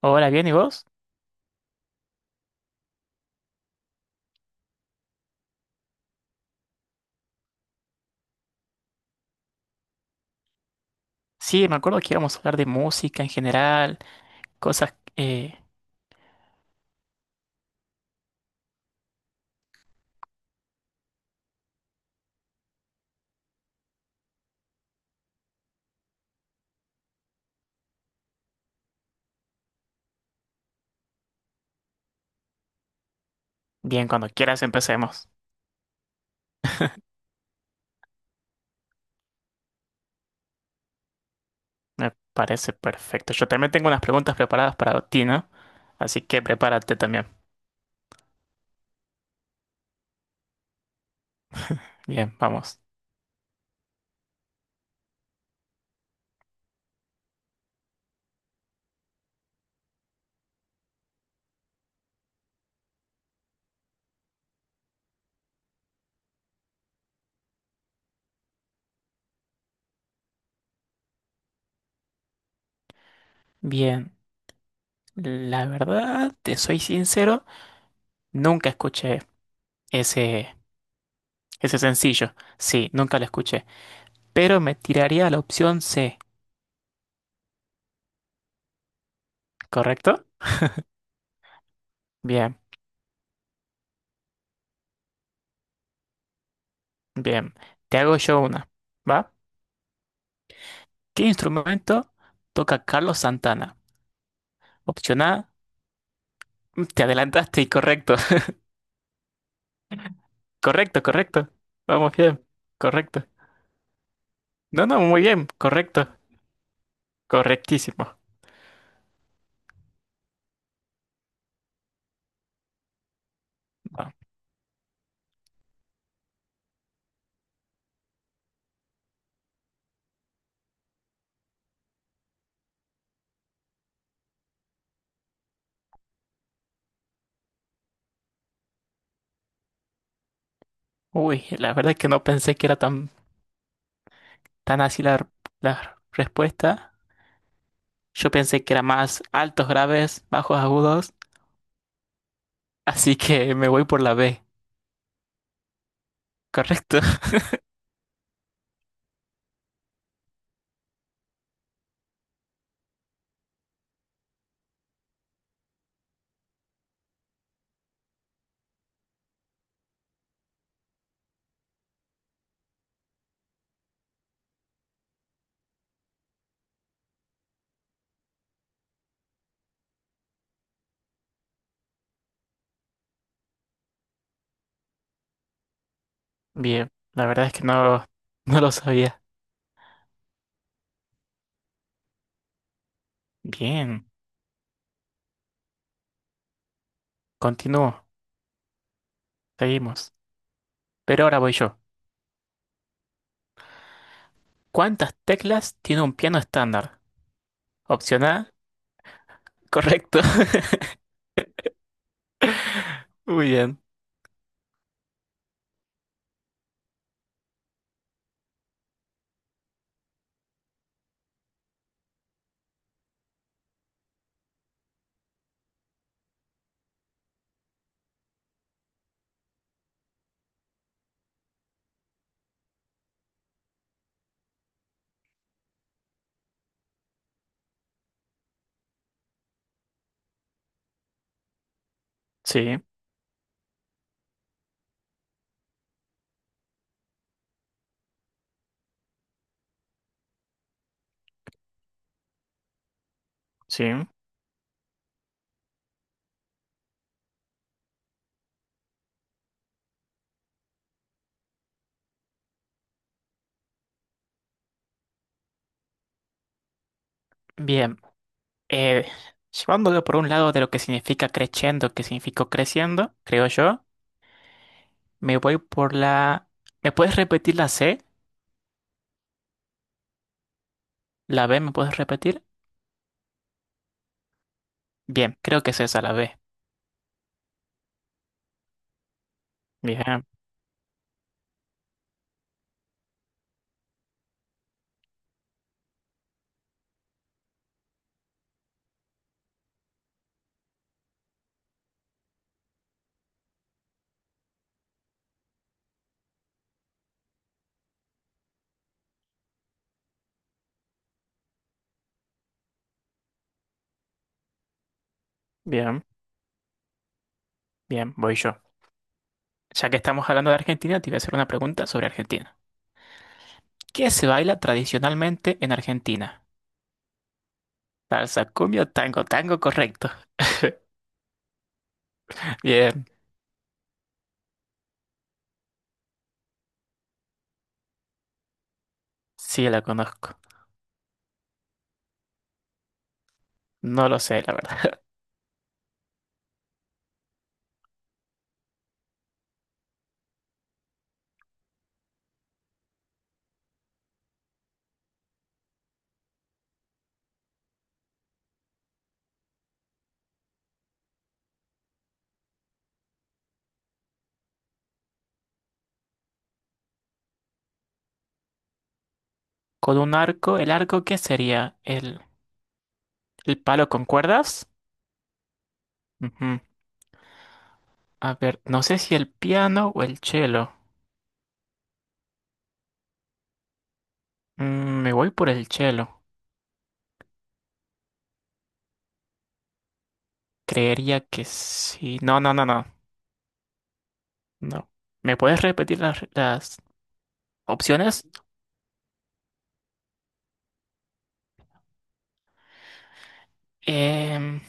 Hola, bien, ¿y vos? Sí, me acuerdo que íbamos a hablar de música en general, cosas... eh, Bien, cuando quieras empecemos. Me parece perfecto. Yo también tengo unas preguntas preparadas para ti, ¿no? Así que prepárate también. Bien, vamos. Bien, la verdad, te soy sincero, nunca escuché ese, ese sencillo. Sí, nunca lo escuché. Pero me tiraría a la opción C, ¿correcto? Bien, bien. Te hago yo una. ¿Va? ¿Qué instrumento toca Carlos Santana? Opción A, te adelantaste y correcto. Correcto, correcto. Vamos bien, correcto. No, no, muy bien, correcto. Correctísimo. No. Uy, la verdad es que no pensé que era tan, tan así la, la respuesta. Yo pensé que era más altos graves, bajos agudos, así que me voy por la B. Correcto. Bien, la verdad es que no, no lo sabía. Bien, continúo, seguimos. Pero ahora voy yo. ¿Cuántas teclas tiene un piano estándar? Opción A, correcto. Muy bien. Sí, sí. Bien. Eh, Llevándolo por un lado de lo que significa crescendo, que significó creciendo, creo yo, me voy por la... ¿Me puedes repetir la C? ¿La B me puedes repetir? Bien, creo que es esa la B. Bien, bien, bien, voy yo. Ya que estamos hablando de Argentina, te voy a hacer una pregunta sobre Argentina. ¿Qué se baila tradicionalmente en Argentina? Salsa, cumbia, tango, tango, correcto. Bien, sí la conozco. No lo sé, la verdad. Con un arco, ¿el arco qué sería? ¿El ¿El palo con cuerdas? Ujú. A ver, no sé si el piano o el cello. Me voy por el cello. Creería que sí. No, no, no, no. No. ¿Me puedes repetir las opciones? Em,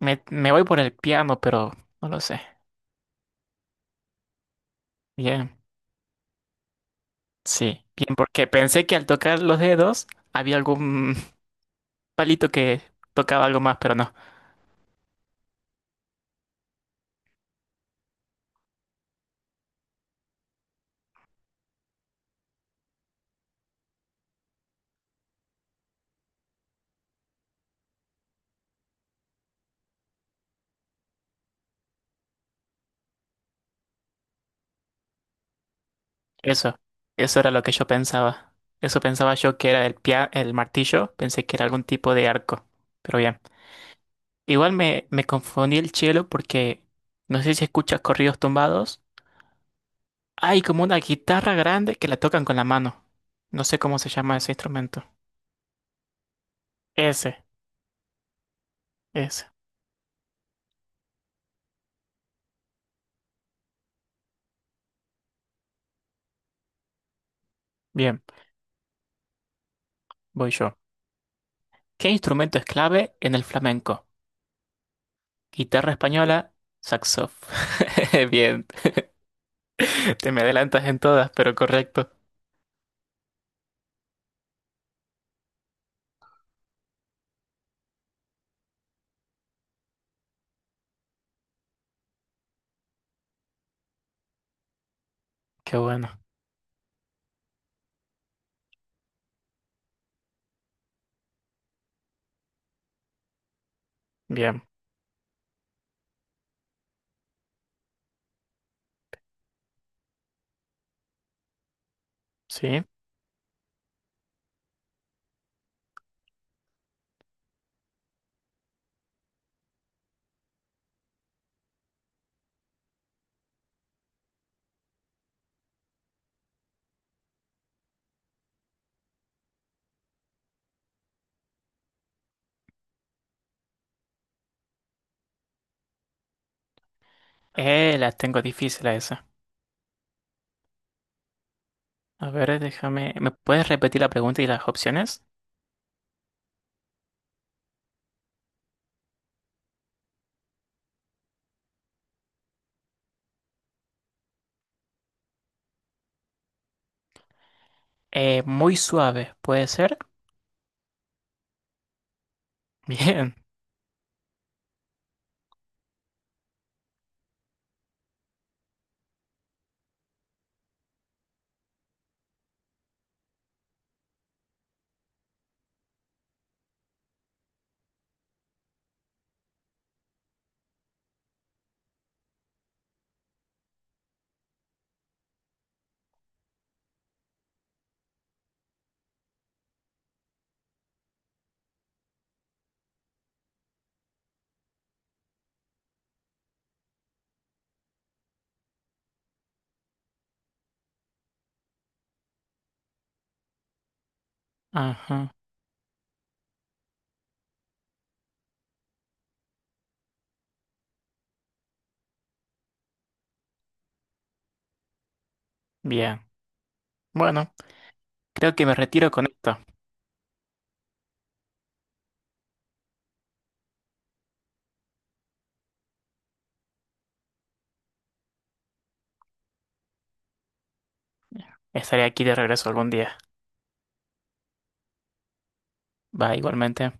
Me, me voy por el piano, pero no lo sé. Bien, sí. Bien, porque pensé que al tocar los dedos había algún palito que tocaba algo más, pero no. Eso, eso era lo que yo pensaba. Eso pensaba yo que era el pia- el martillo, pensé que era algún tipo de arco. Pero bien, igual me, me confundí el cielo porque no sé si escuchas corridos tumbados. Hay como una guitarra grande que la tocan con la mano. No sé cómo se llama ese instrumento. Ese, ese. Bien, voy yo. ¿Qué instrumento es clave en el flamenco? Guitarra española, saxof. Bien, te me adelantas en todas, pero correcto. Qué bueno. Bien, sí. Las tengo difíciles esas. A ver, déjame. ¿Me puedes repetir la pregunta y las opciones? Muy suave, ¿puede ser? Bien. Ajá. Bien. Bueno, creo que me retiro con esto. Estaré aquí de regreso algún día. Va, igualmente.